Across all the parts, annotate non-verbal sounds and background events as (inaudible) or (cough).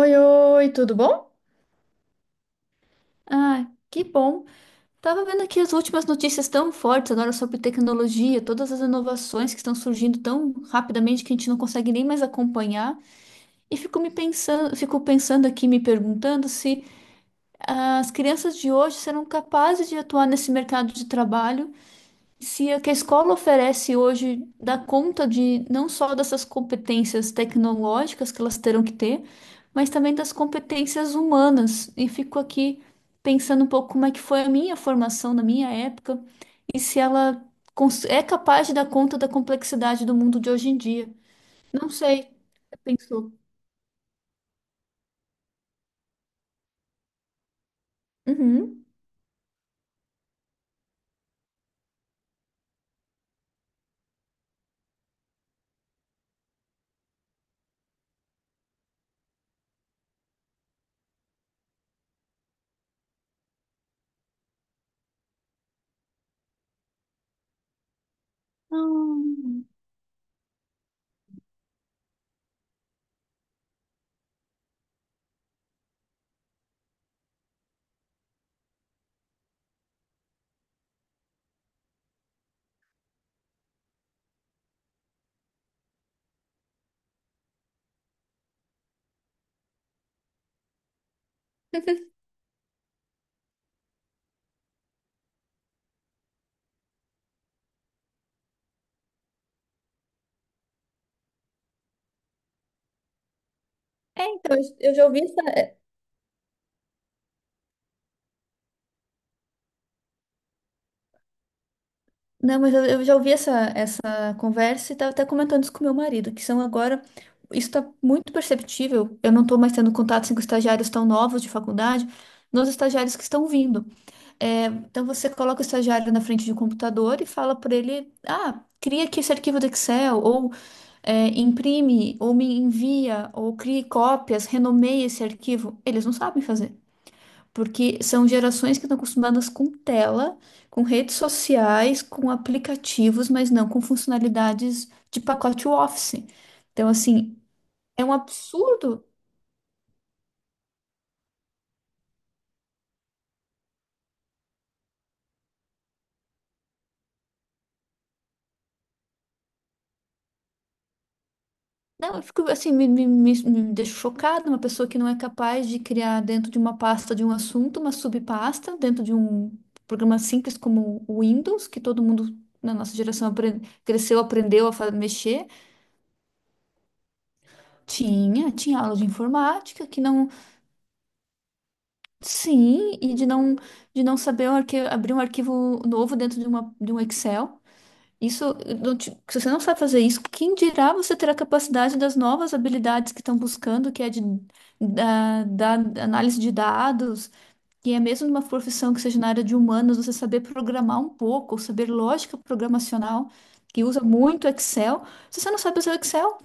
Oi, oi, tudo bom? Ah, que bom. Tava vendo aqui as últimas notícias tão fortes agora sobre tecnologia, todas as inovações que estão surgindo tão rapidamente que a gente não consegue nem mais acompanhar. E fico me pensando, fico pensando aqui, me perguntando se as crianças de hoje serão capazes de atuar nesse mercado de trabalho, se a que a escola oferece hoje dá conta de não só dessas competências tecnológicas que elas terão que ter, mas também das competências humanas. E fico aqui pensando um pouco como é que foi a minha formação na minha época e se ela é capaz de dar conta da complexidade do mundo de hoje em dia. Não sei. Você pensou. Uhum. Hum. (laughs) É, então, eu já ouvi essa. Não, mas eu já ouvi essa, essa conversa e estava até comentando isso com meu marido, que são agora. Isso está muito perceptível. Eu não estou mais tendo contato com estagiários tão novos de faculdade, nos estagiários que estão vindo. É, então você coloca o estagiário na frente de um computador e fala para ele: ah, cria aqui esse arquivo do Excel, ou é, imprime, ou me envia, ou crie cópias, renomeie esse arquivo. Eles não sabem fazer. Porque são gerações que estão acostumadas com tela, com redes sociais, com aplicativos, mas não com funcionalidades de pacote Office. Então, assim, é um absurdo. Não, eu fico assim, me deixo chocada, uma pessoa que não é capaz de criar dentro de uma pasta de um assunto, uma subpasta, dentro de um programa simples como o Windows, que todo mundo na nossa geração cresceu, aprendeu a mexer. Tinha aula de informática que não. Sim, e de não saber o abrir um arquivo novo dentro de, uma, de um Excel. Isso, eh, se você não sabe fazer isso, quem dirá você ter a capacidade das novas habilidades que estão buscando, que é de, da análise de dados, que é mesmo numa profissão que seja na área de humanas, você saber programar um pouco, saber lógica programacional, que usa muito Excel. Se você não sabe usar o Excel,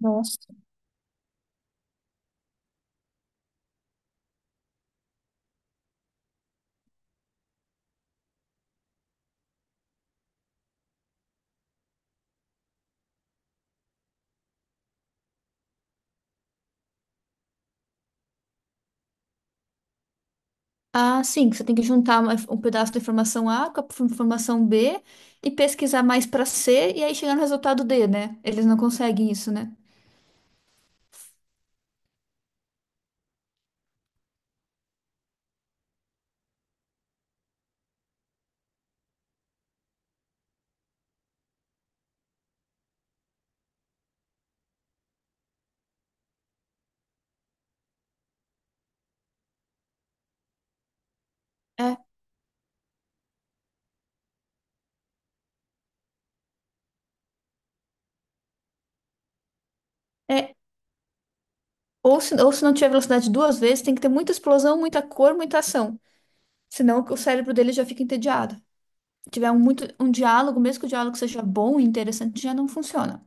nossa. Ah, sim, que você tem que juntar um pedaço da informação A com a informação B e pesquisar mais para C e aí chegar no resultado D, né? Eles não conseguem isso, né? É. É, ou se não tiver velocidade duas vezes, tem que ter muita explosão, muita cor, muita ação. Senão o cérebro dele já fica entediado. Se tiver um, muito, um diálogo, mesmo que o diálogo seja bom e interessante, já não funciona.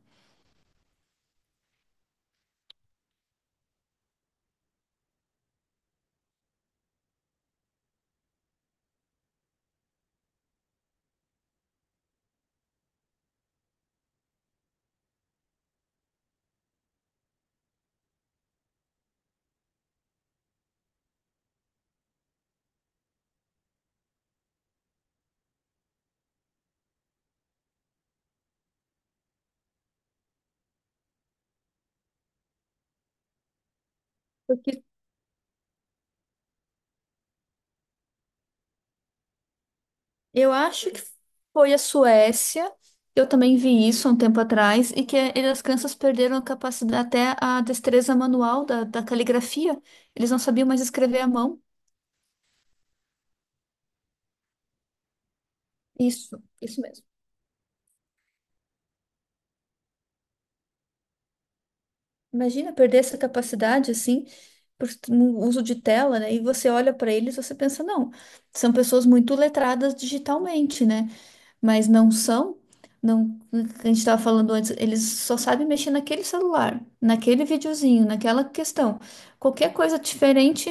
Porque eu acho que foi a Suécia, eu também vi isso há um tempo atrás, e que eles crianças perderam a capacidade, até a destreza manual da, da caligrafia. Eles não sabiam mais escrever à mão. Isso mesmo. Imagina perder essa capacidade, assim, por um uso de tela, né? E você olha para eles, você pensa, não, são pessoas muito letradas digitalmente, né? Mas não são. Não, a gente estava falando antes, eles só sabem mexer naquele celular, naquele videozinho, naquela questão. Qualquer coisa diferente.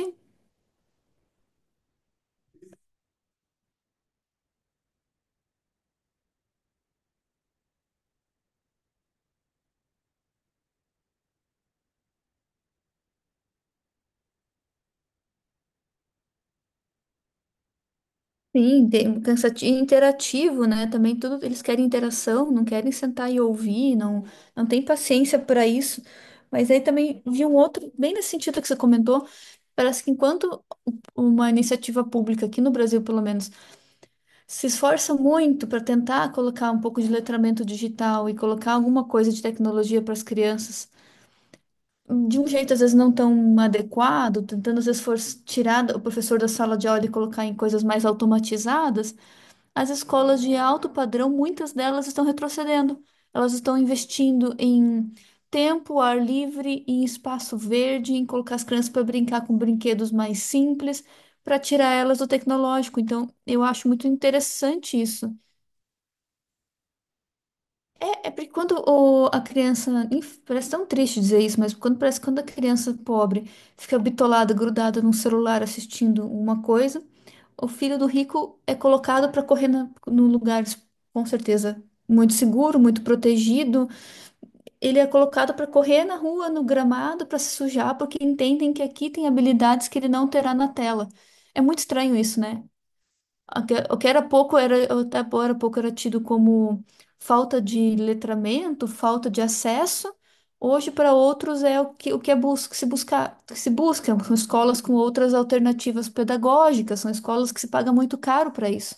Sim, tem- um cansativo, interativo, né? Também tudo, eles querem interação, não querem sentar e ouvir, não, não tem paciência para isso. Mas aí também vi um outro, bem nesse sentido que você comentou, parece que enquanto uma iniciativa pública, aqui no Brasil pelo menos, se esforça muito para tentar colocar um pouco de letramento digital e colocar alguma coisa de tecnologia para as crianças, de um jeito às vezes não tão adequado, tentando às vezes for tirar o professor da sala de aula e colocar em coisas mais automatizadas, as escolas de alto padrão, muitas delas estão retrocedendo. Elas estão investindo em tempo, ar livre, em espaço verde, em colocar as crianças para brincar com brinquedos mais simples, para tirar elas do tecnológico. Então, eu acho muito interessante isso. É porque quando a criança. Parece tão triste dizer isso, mas quando parece que quando a criança pobre fica bitolada, grudada num celular assistindo uma coisa, o filho do rico é colocado para correr na, num lugar, com certeza, muito seguro, muito protegido. Ele é colocado para correr na rua, no gramado, para se sujar, porque entendem que aqui tem habilidades que ele não terá na tela. É muito estranho isso, né? O que era pouco era, até agora pouco era tido como falta de letramento, falta de acesso. Hoje, para outros, é o que é bus que se busca, que se busca. São escolas com outras alternativas pedagógicas, são escolas que se paga muito caro para isso.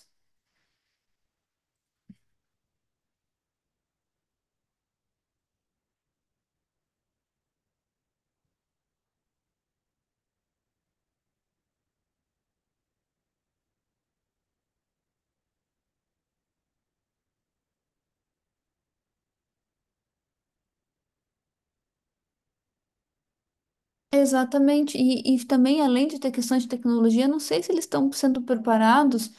Exatamente. E também, além de ter questões de tecnologia, não sei se eles estão sendo preparados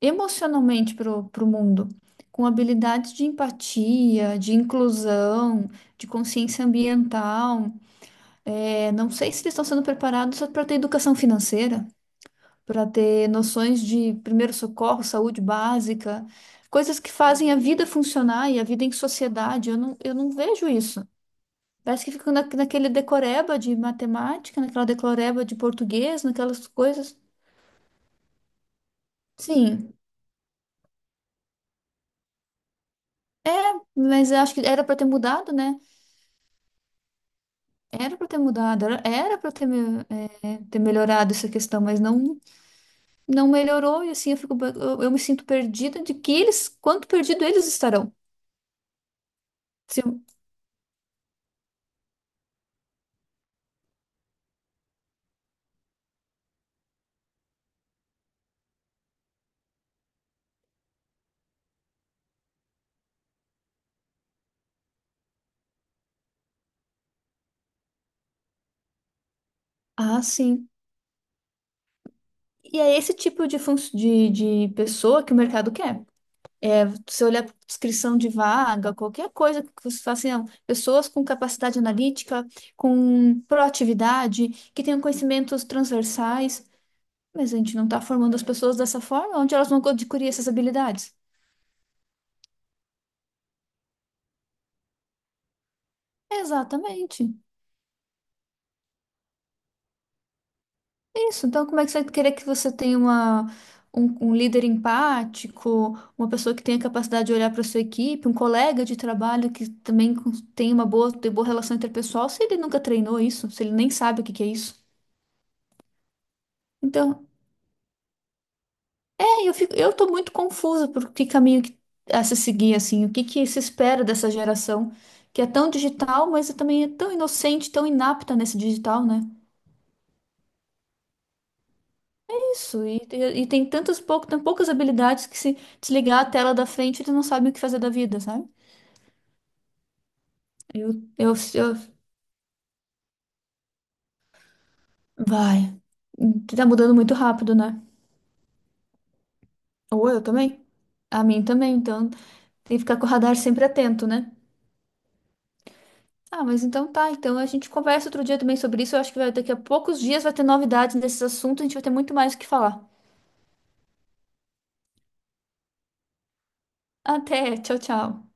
emocionalmente para o mundo, com habilidades de empatia, de inclusão, de consciência ambiental. É, não sei se eles estão sendo preparados para ter educação financeira, para ter noções de primeiro socorro, saúde básica, coisas que fazem a vida funcionar e a vida em sociedade. Eu não vejo isso. Parece que fica na, naquele decoreba de matemática, naquela decoreba de português, naquelas coisas. Sim, mas eu acho que era para ter mudado, né? Era para ter mudado, era, era para ter, é, ter melhorado essa questão, mas não, não melhorou e assim eu fico, eu me sinto perdida de que eles, quanto perdido eles estarão. Se o- Ah, sim. E é esse tipo de, de pessoa que o mercado quer. É, se olhar para descrição de vaga, qualquer coisa que você fala assim, não, pessoas com capacidade analítica, com proatividade, que tenham conhecimentos transversais. Mas a gente não está formando as pessoas dessa forma, onde elas vão adquirir essas habilidades? Exatamente. É isso, então como é que você vai querer que você tenha uma, um líder empático, uma pessoa que tenha capacidade de olhar para sua equipe, um colega de trabalho que também tem uma boa, tem boa relação interpessoal, se ele nunca treinou isso, se ele nem sabe o que que é isso? Então, é, eu fico, eu tô muito confusa por que caminho que, a se seguir, assim, o que que se espera dessa geração que é tão digital, mas também é tão inocente, tão inapta nesse digital, né? Isso, e, e tem tantas pouco, tão poucas habilidades que se desligar a tela da frente, eles não sabem o que fazer da vida, sabe? Eu, eu, eu, vai. Tá mudando muito rápido, né? Ou eu também. A mim também, então tem que ficar com o radar sempre atento, né? Ah, mas então tá, então a gente conversa outro dia também sobre isso. Eu acho que vai, daqui a poucos dias vai ter novidades nesses assuntos, a gente vai ter muito mais o que falar. Até, tchau, tchau.